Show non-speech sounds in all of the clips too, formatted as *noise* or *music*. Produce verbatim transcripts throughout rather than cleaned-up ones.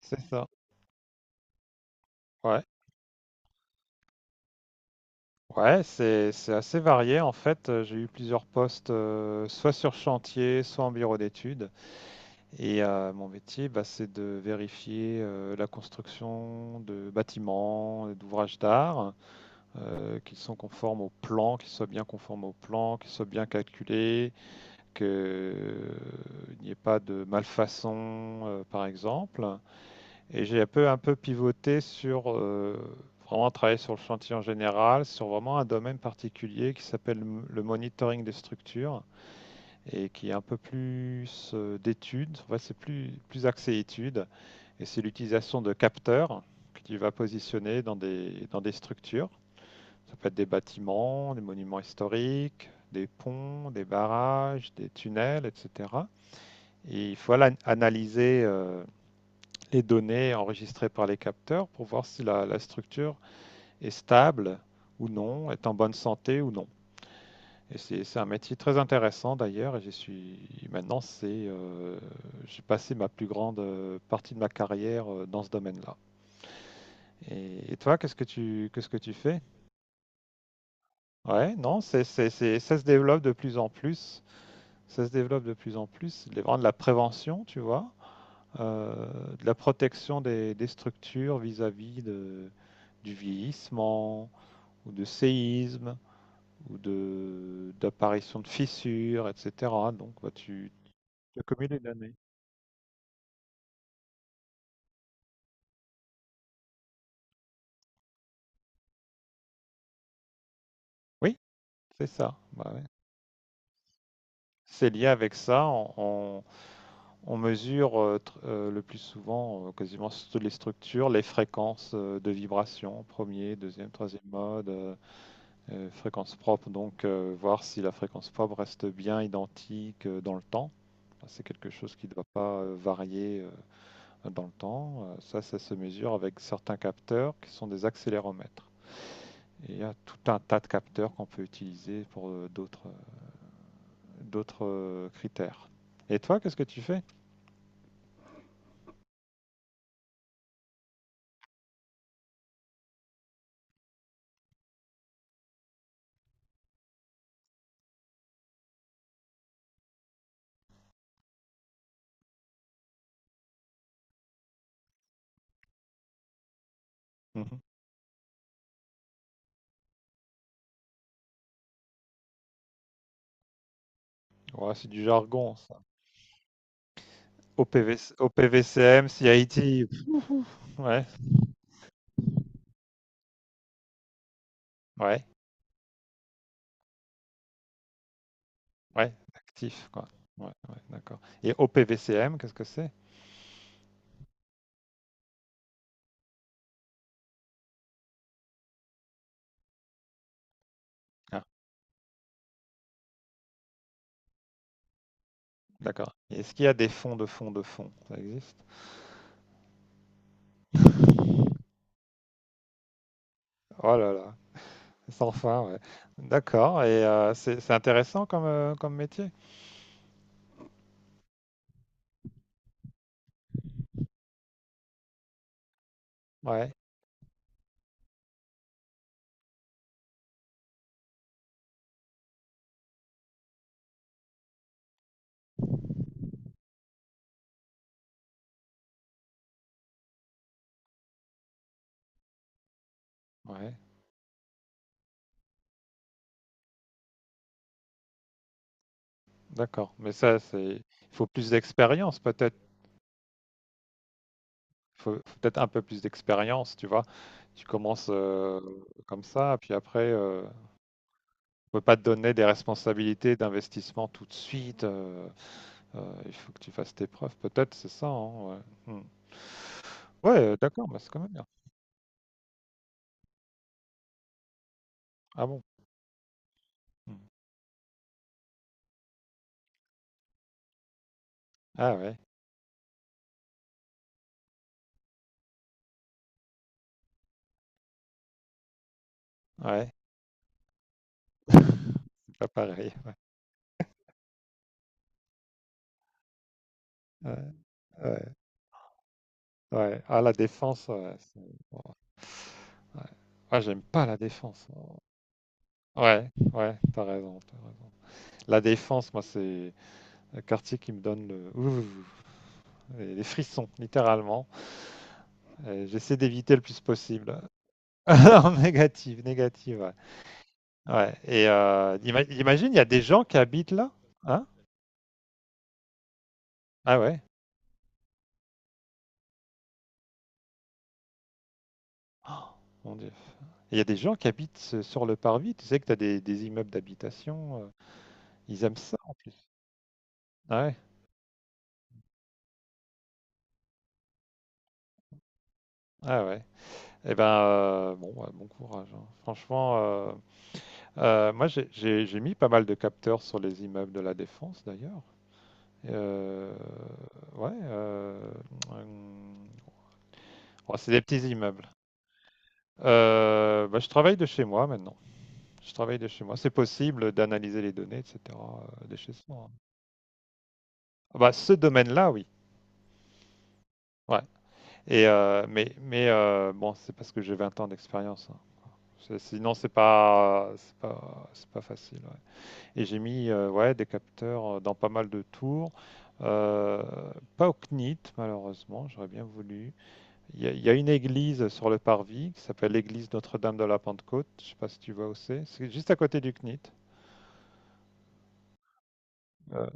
C'est ça. Ouais, ouais, c'est c'est assez varié en fait. Euh, J'ai eu plusieurs postes, euh, soit sur chantier, soit en bureau d'études. Et euh, mon métier, bah, c'est de vérifier euh, la construction de bâtiments, d'ouvrages d'art, euh, qu'ils sont conformes au plan, qu'ils soient bien conformes au plan, qu'ils soient bien calculés, qu'il n'y ait pas de malfaçon, euh, par exemple. Et j'ai un peu, un peu pivoté sur euh, vraiment travailler sur le chantier en général, sur vraiment un domaine particulier qui s'appelle m- le monitoring des structures et qui est un peu plus euh, d'études. En fait, c'est plus, plus axé études et c'est l'utilisation de capteurs que tu vas positionner dans des, dans des structures. Ça peut être des bâtiments, des monuments historiques, des ponts, des barrages, des tunnels, et cetera. Et il faut ala- analyser euh, les données enregistrées par les capteurs pour voir si la, la structure est stable ou non, est en bonne santé ou non. Et c'est c'est un métier très intéressant d'ailleurs. Et je suis maintenant, c'est euh, j'ai passé ma plus grande euh, partie de ma carrière euh, dans ce domaine-là. Et, et toi, qu'est-ce que tu qu'est-ce que tu fais? Ouais, non, c'est c'est c'est ça se développe de plus en plus. Ça se développe de plus en plus. Les vraiment de la prévention, tu vois. Euh, de la protection des, des structures vis-à-vis de, du vieillissement ou de séisme ou de d'apparition de fissures, et cetera. Donc, bah, tu, tu accumules les données. Oui, c'est ça. Bah ouais. C'est lié avec ça. On, on- on mesure euh, tr- euh, le plus souvent, euh, quasiment sur toutes les structures, les fréquences euh, de vibration, premier, deuxième, troisième mode, euh, Euh, fréquence propre, donc euh, voir si la fréquence propre reste bien identique euh, dans le temps. C'est quelque chose qui ne doit pas euh, varier euh, dans le temps. Euh, ça, ça se mesure avec certains capteurs qui sont des accéléromètres. Et il y a tout un tas de capteurs qu'on peut utiliser pour euh, d'autres euh, d'autres euh, critères. Et toi, qu'est-ce que tu fais? Mhm. Ouais, c'est du jargon, ça. O P V C, O P V C M, C I T. Ouais, ouais, ouais, actif, quoi. Ouais, ouais, d'accord. Et O P V C M, qu'est-ce que c'est? D'accord. Et est-ce qu'il y a des fonds de fonds de fonds? Ça existe? Oh là là, sans fin, ouais. D'accord, et heu, c'est c'est intéressant comme, heu, comme métier? Ouais, ouais, d'accord, mais ça, c'est il faut plus d'expérience peut-être? Il Faut faut peut-être un peu plus d'expérience, tu vois? Tu commences, heu, comme ça, puis après, heu, on peut pas te donner des responsabilités d'investissement tout de suite, heu heu, il faut que tu fasses tes preuves peut-être, c'est ça, hein? Ouais. Mmh. Ouais, heu, d'accord, bah, c'est quand même bien. Ah bon? Mmh. Ah ouais, ouais. C'est pas pareil. Ouais, ouais, ouais. Ah, la Défense, ouais, c'est- bon, ouais. Ah, j'aime pas la Défense. Ouais, ouais, t'as raison, t'as raison. La Défense, moi, c'est le quartier qui me donne le... ouh, les les frissons, littéralement. Et j'essaie d'éviter le plus possible. *laughs* Non, négative, négative, ouais. Ouais, et euh, ima- imagine, il y a des gens qui habitent là, hein? Ah ouais. Oh, mon Dieu. Il y a des gens qui habitent euh, sur le parvis. Tu sais que tu as des, des immeubles d'habitation. euh, Ils aiment ça en plus. Ah ouais, ah ouais. Eh ben, euh, bon, ouais, bon courage, hein. Franchement, euh, euh, moi j'ai j'ai- j'ai mis pas mal de capteurs sur les immeubles de la Défense d'ailleurs. Euh, ouais, euh, hum, ouais, c'est des petits immeubles. Euh, bah, je travaille de chez moi maintenant. Je travaille de chez moi. C'est possible d'analyser les données, et cetera euh, De chez soi, hein. Ah, bah, ce domaine-là, oui. Ouais. Et euh, mais mais euh, bon, c'est parce que j'ai vingt ans d'expérience, hein. C'est- Sinon, c'est pas, c'est pas, c'est pas facile, ouais. Et j'ai mis euh, ouais, des capteurs euh, dans pas mal de tours. Euh, pas au C N I T, malheureusement, j'aurais bien voulu. Il y, a- il y a une église sur le parvis qui s'appelle l'église Notre-Dame de la Pentecôte. Je sais pas si tu vois où c'est. C'est juste à côté du C N I T. Euh,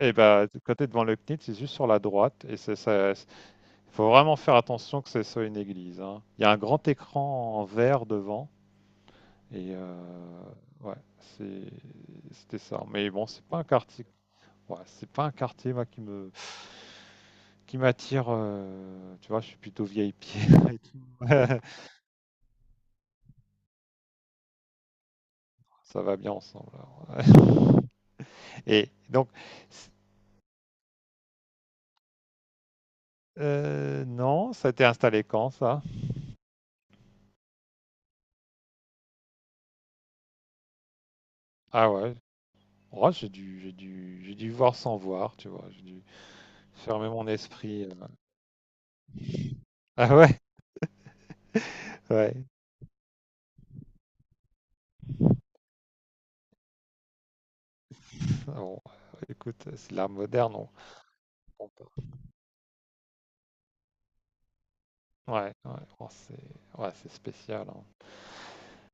et ben, de côté devant le C N I T, c'est juste sur la droite. Et c'est ça. Il faut vraiment faire attention que ce soit une église, hein. Il y a un grand écran en verre devant. Et euh, ouais, c'est- c'était ça. Mais bon, c'est pas un quartier, ouais, c'est pas un quartier moi, qui me, qui m'attire. Euh, tu vois, je suis plutôt vieille pied. *laughs* Ça va bien ensemble alors. Ouais. Et donc, c- euh, non, ça a été installé quand ça? Ah ouais. Oh, j'ai dû, j'ai dû, j'ai dû voir sans voir, tu vois. J'ai dû fermer mon esprit. euh. Ah ouais, ouais. Bon, écoute, c'est l'art moderne. On- on Ouais, ouais, oh, c'est ouais, c'est spécial, hein.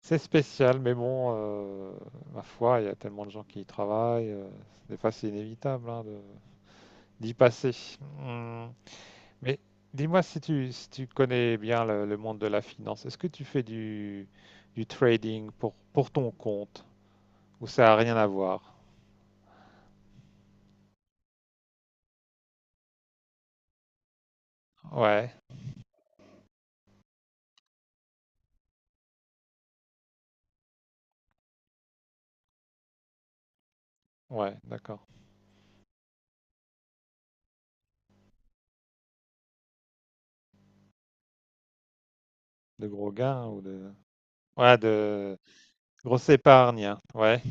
C'est spécial, mais bon, euh, ma foi, il y a tellement de gens qui y travaillent. euh, des fois, c'est inévitable, hein, de- d'y passer. Hmm. Mais dis-moi si tu, si tu, connais bien le, le monde de la finance, est-ce que tu fais du, du trading pour, pour ton compte ou ça n'a rien à voir? Ouais, ouais, d'accord. De gros gains ou de. Ouais, de grosse épargne, hein. Ouais,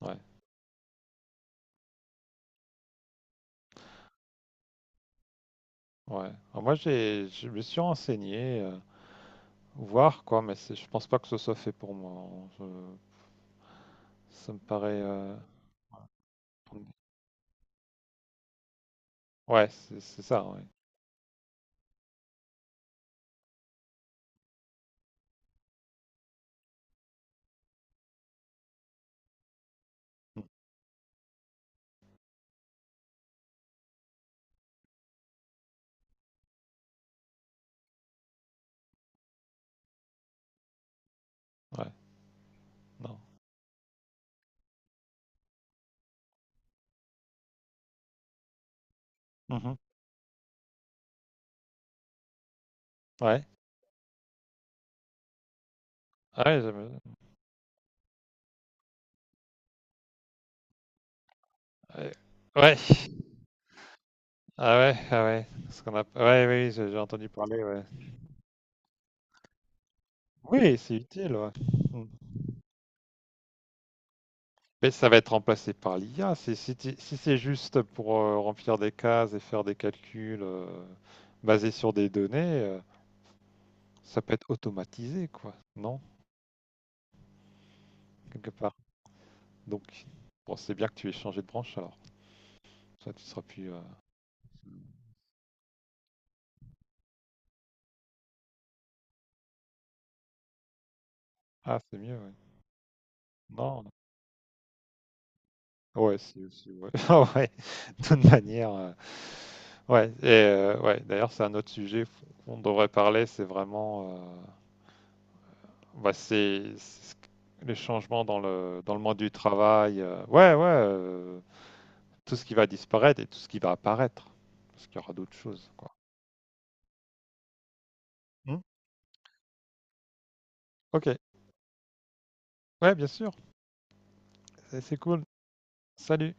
ouais, ouais. Alors moi, j'ai, je me suis renseigné. Voir quoi, mais c'est- je pense pas que ce soit fait pour moi, hein. Je- ça me paraît. euh, Ouais, c'est c'est ça. Ouais. Mm. Ouais. Non. Mhm. Ouais. Ah ouais. j'aime- Ouais. Ouais. Ah ouais. Ah ouais. Ce qu'on a. Ouais, oui, j'ai j'ai entendu parler. Ouais. Oui, c'est utile, ouais. Mm. Mais ça va être remplacé par l'I A. Si, si, tu- si c'est juste pour euh, remplir des cases et faire des calculs euh, basés sur des données, euh, ça peut être automatisé, quoi. Non? Quelque part. Donc, bon, c'est bien que tu aies changé de branche alors. Ça, tu seras plus. euh, Ah, c'est mieux, ouais. Non. Ouais, c'est aussi, ouais. *laughs* Ah ouais, de toute manière. euh, Ouais, et euh, ouais, d'ailleurs, c'est un autre sujet qu'on devrait parler, c'est vraiment. euh, bah, c'est c'est ce que- les changements dans le, dans le monde du travail. euh, Ouais, ouais, euh, tout ce qui va disparaître et tout ce qui va apparaître. Parce qu'il y aura d'autres choses, quoi. Hmm. Ok, ouais, bien sûr, c'est c'est cool. Salut.